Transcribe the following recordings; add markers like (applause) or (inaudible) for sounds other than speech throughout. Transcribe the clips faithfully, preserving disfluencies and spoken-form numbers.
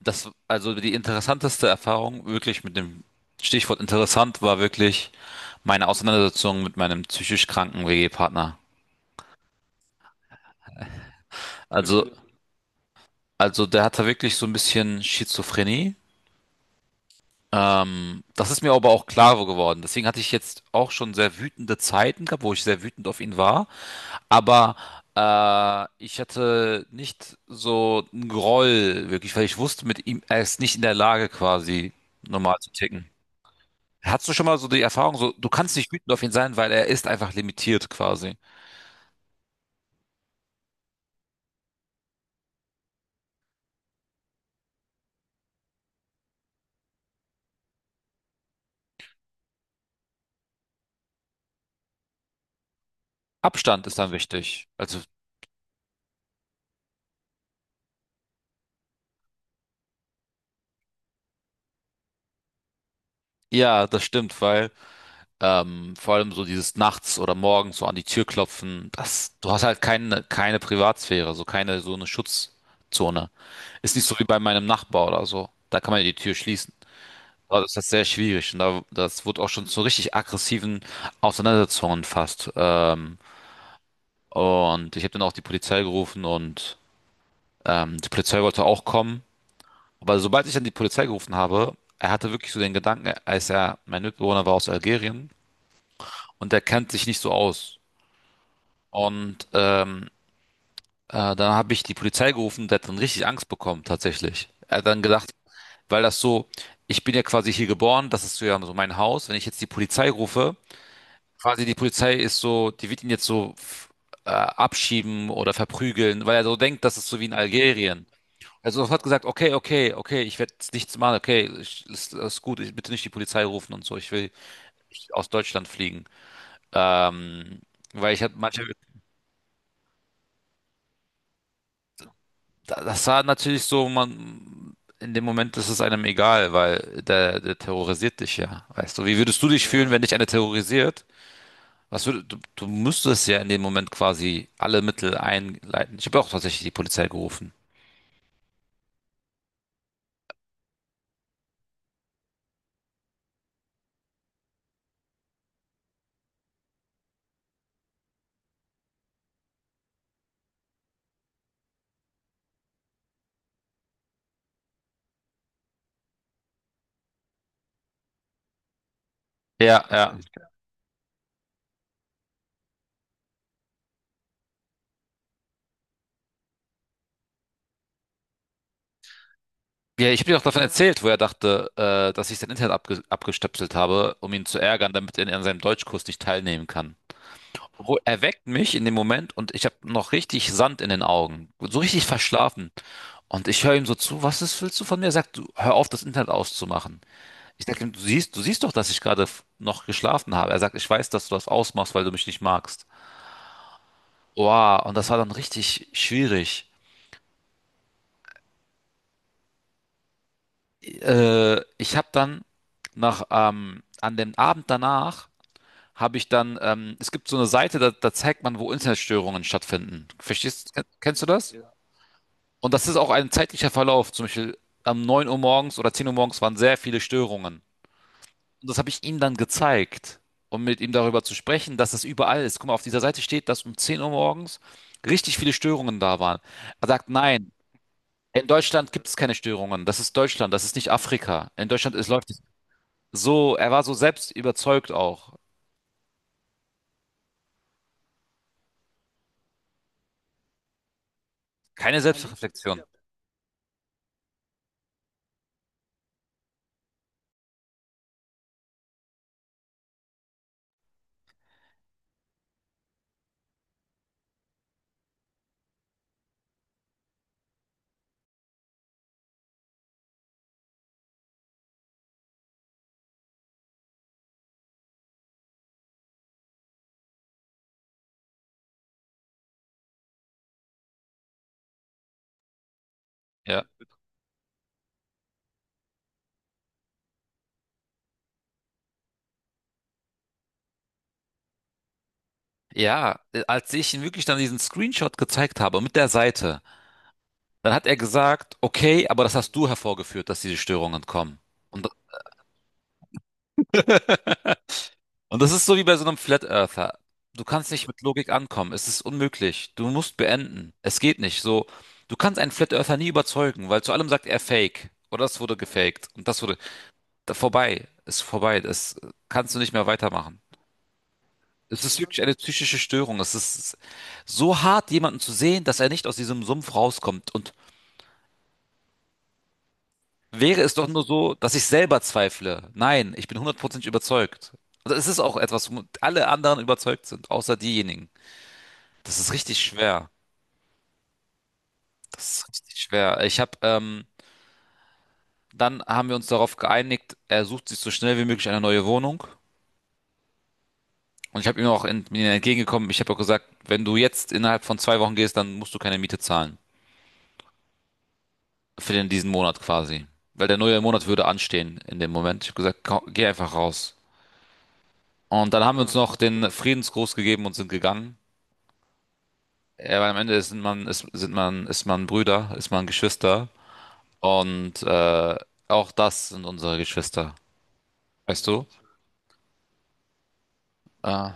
Das, also die interessanteste Erfahrung, wirklich mit dem Stichwort interessant, war wirklich meine Auseinandersetzung mit meinem psychisch kranken W G-Partner. Also, also der hatte wirklich so ein bisschen Schizophrenie. Ähm, das ist mir aber auch klar geworden. Deswegen hatte ich jetzt auch schon sehr wütende Zeiten gehabt, wo ich sehr wütend auf ihn war. Aber äh, ich hatte nicht so einen Groll wirklich, weil ich wusste mit ihm, er ist nicht in der Lage quasi normal zu ticken. Hast du schon mal so die Erfahrung, so du kannst nicht wütend auf ihn sein, weil er ist einfach limitiert quasi. Abstand ist dann wichtig. Also ja, das stimmt, weil ähm, vor allem so dieses nachts oder morgens so an die Tür klopfen, das, du hast halt keine keine Privatsphäre, so keine so eine Schutzzone. Ist nicht so wie bei meinem Nachbar oder so. Da kann man ja die Tür schließen. Aber das ist halt sehr schwierig und da, das wurde auch schon zu richtig aggressiven Auseinandersetzungen fast. Ähm, und ich habe dann auch die Polizei gerufen und ähm, die Polizei wollte auch kommen. Aber sobald ich dann die Polizei gerufen habe, er hatte wirklich so den Gedanken, als er, mein Mitbewohner war aus Algerien und er kennt sich nicht so aus. Und ähm, äh, dann habe ich die Polizei gerufen, der hat dann richtig Angst bekommen, tatsächlich. Er hat dann gedacht, weil das so, ich bin ja quasi hier geboren, das ist so ja so mein Haus, wenn ich jetzt die Polizei rufe, quasi die Polizei ist so, die wird ihn jetzt so f- äh, abschieben oder verprügeln, weil er so denkt, das ist so wie in Algerien. Also sofort gesagt, okay, okay, okay, ich werde nichts machen, okay, ich, ist, ist gut, ich, bitte nicht die Polizei rufen und so, ich will aus Deutschland fliegen. Ähm, Weil ich hatte manche, das war natürlich so, man, in dem Moment ist es einem egal, weil der, der terrorisiert dich ja, weißt du. Wie würdest du dich fühlen, wenn dich einer terrorisiert? Was würd, du, du müsstest ja in dem Moment quasi alle Mittel einleiten. Ich habe auch tatsächlich die Polizei gerufen. Ja, ja. Ja, ich habe dir auch davon erzählt, wo er dachte, äh, dass ich sein Internet abge abgestöpselt habe, um ihn zu ärgern, damit er an seinem Deutschkurs nicht teilnehmen kann. Ru- Er weckt mich in dem Moment und ich habe noch richtig Sand in den Augen, so richtig verschlafen. Und ich höre ihm so zu, was ist, willst du von mir? Er sagt, du, hör auf, das Internet auszumachen. Ich sage ihm, du siehst, du siehst doch, dass ich gerade f- noch geschlafen habe. Er sagt, ich weiß, dass du das ausmachst, weil du mich nicht magst. Wow, und das war dann richtig schwierig. Äh, ich habe dann nach, ähm, an dem Abend danach habe ich dann, ähm, es gibt so eine Seite, da, da zeigt man, wo Internetstörungen stattfinden. Verstehst, ken- kennst du das? Ja. Und das ist auch ein zeitlicher Verlauf. Zum Beispiel am neun Uhr morgens oder zehn Uhr morgens waren sehr viele Störungen. Und das habe ich ihm dann gezeigt, um mit ihm darüber zu sprechen, dass das überall ist. Guck mal, auf dieser Seite steht, dass um zehn Uhr morgens richtig viele Störungen da waren. Er sagt, nein, in Deutschland gibt es keine Störungen. Das ist Deutschland, das ist nicht Afrika. In Deutschland ist, läuft es so. Er war so selbst überzeugt auch. Keine Selbstreflexion. Ja, ja. Ja, äh, als ich ihm wirklich dann diesen Screenshot gezeigt habe mit der Seite, dann hat er gesagt, okay, aber das hast du hervorgeführt, dass diese Störungen kommen. Und, und das ist so wie bei so einem Flat Earther. Du kannst nicht mit Logik ankommen. Es ist unmöglich. Du musst beenden. Es geht nicht. So, du kannst einen Flat Earther nie überzeugen, weil zu allem sagt er Fake. Oder das wurde gefaked. Und das wurde da, vorbei. Ist vorbei. Das äh, kannst du nicht mehr weitermachen. Es ist wirklich eine psychische Störung. Es ist so hart, jemanden zu sehen, dass er nicht aus diesem Sumpf rauskommt. Und wäre es doch nur so, dass ich selber zweifle. Nein, ich bin hundertprozentig überzeugt. Also es ist auch etwas, wo alle anderen überzeugt sind, außer diejenigen. Das ist richtig schwer. Das ist richtig schwer. Ich habe, ähm, dann haben wir uns darauf geeinigt, er sucht sich so schnell wie möglich eine neue Wohnung. Und ich habe ihm auch ent mir entgegengekommen. Ich habe auch gesagt, wenn du jetzt innerhalb von zwei Wochen gehst, dann musst du keine Miete zahlen. Für den, diesen Monat quasi. Weil der neue Monat würde anstehen in dem Moment. Ich habe gesagt, komm, geh einfach raus. Und dann haben wir uns Hm. noch den Friedensgruß gegeben und sind gegangen. Ja, weil am Ende ist man, ist, sind man, ist man Brüder, ist man Geschwister. Und äh, auch das sind unsere Geschwister. Weißt du? Äh,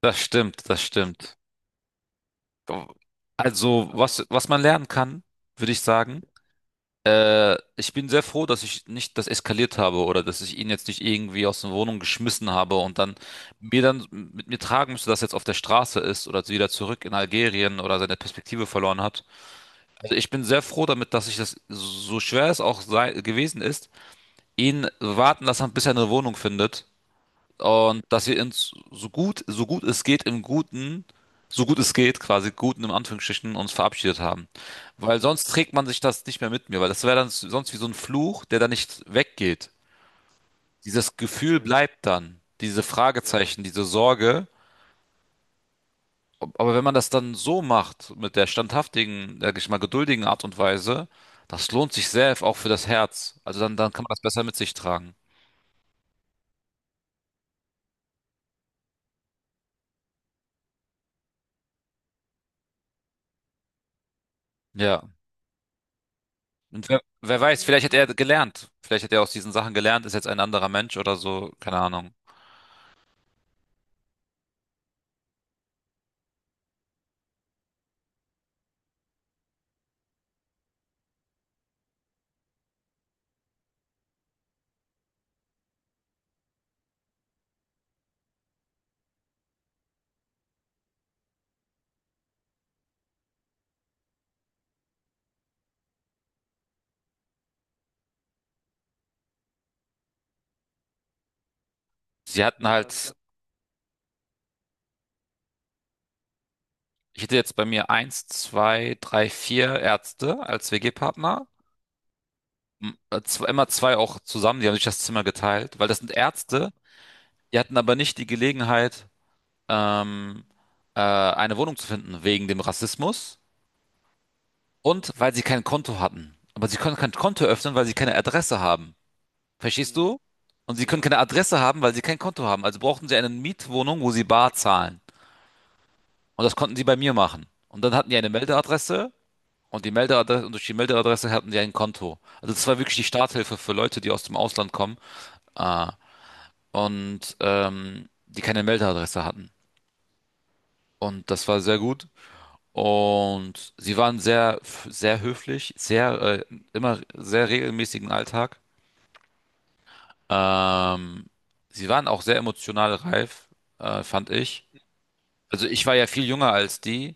Das stimmt, das stimmt. Also, was, was man lernen kann, würde ich sagen. Äh, ich bin sehr froh, dass ich nicht das eskaliert habe oder dass ich ihn jetzt nicht irgendwie aus der Wohnung geschmissen habe und dann mir dann mit mir tragen müsste, dass er jetzt auf der Straße ist oder wieder zurück in Algerien oder seine Perspektive verloren hat. Also ich bin sehr froh damit, dass ich das, so schwer es auch sei, gewesen ist, ihn warten lassen, bis er eine Wohnung findet. Und dass wir uns so so gut, so gut es geht, im Guten, so gut es geht, quasi Guten im Anführungsstrichen, uns verabschiedet haben. Weil sonst trägt man sich das nicht mehr mit mir, weil das wäre dann sonst wie so ein Fluch, der dann nicht weggeht. Dieses Gefühl bleibt dann. Diese Fragezeichen, diese Sorge. Aber wenn man das dann so macht, mit der standhaftigen, sag ich mal, geduldigen Art und Weise, das lohnt sich sehr, auch für das Herz. Also dann, dann kann man das besser mit sich tragen. Ja. Und wer, wer weiß, vielleicht hat er gelernt. Vielleicht hat er aus diesen Sachen gelernt, ist jetzt ein anderer Mensch oder so. Keine Ahnung. Sie hatten halt, ich hätte jetzt bei mir eins, zwei, drei, vier Ärzte als W G-Partner. M- äh, zw- Immer zwei auch zusammen, die haben sich das Zimmer geteilt, weil das sind Ärzte, die hatten aber nicht die Gelegenheit, ähm, äh, eine Wohnung zu finden wegen dem Rassismus und weil sie kein Konto hatten. Aber sie können kein Konto öffnen, weil sie keine Adresse haben. Verstehst Mhm. du? Und sie können keine Adresse haben, weil sie kein Konto haben. Also brauchten sie eine Mietwohnung, wo sie bar zahlen. Und das konnten sie bei mir machen. Und dann hatten die eine Meldeadresse und die Meldeadresse und durch die Meldeadresse hatten sie ein Konto. Also das war wirklich die Starthilfe für Leute, die aus dem Ausland kommen äh, und ähm, die keine Meldeadresse hatten. Und das war sehr gut. Und sie waren sehr, f- sehr höflich, sehr, äh, immer sehr regelmäßigen Alltag. Ähm, Sie waren auch sehr emotional reif, äh, fand ich. Also ich war ja viel jünger als die,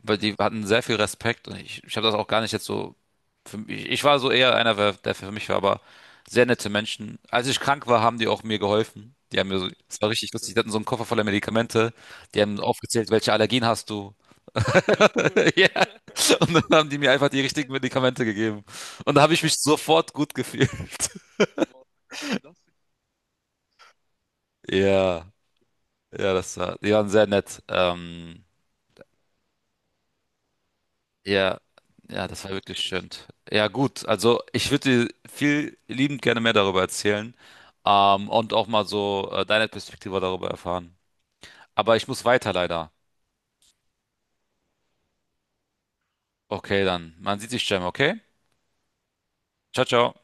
weil die hatten sehr viel Respekt und ich, ich habe das auch gar nicht jetzt so. Für mich, ich war so eher einer, wer- der für mich war, aber sehr nette Menschen. Als ich krank war, haben die auch mir geholfen. Die haben mir so, es war richtig lustig, die hatten so einen Koffer voller Medikamente, die haben aufgezählt, welche Allergien hast du. (laughs) Ja. Und dann haben die mir einfach die richtigen Medikamente gegeben. Und da habe ich mich sofort gut gefühlt. (laughs) Ja, ja, das war, die waren sehr nett. Ähm, ja, ja, das war wirklich schön. Ja, gut, also ich würde dir viel liebend gerne mehr darüber erzählen, ähm, und auch mal so äh, deine Perspektive darüber erfahren. Aber ich muss weiter leider. Okay, dann. Man sieht sich, Jam, okay? Ciao, ciao.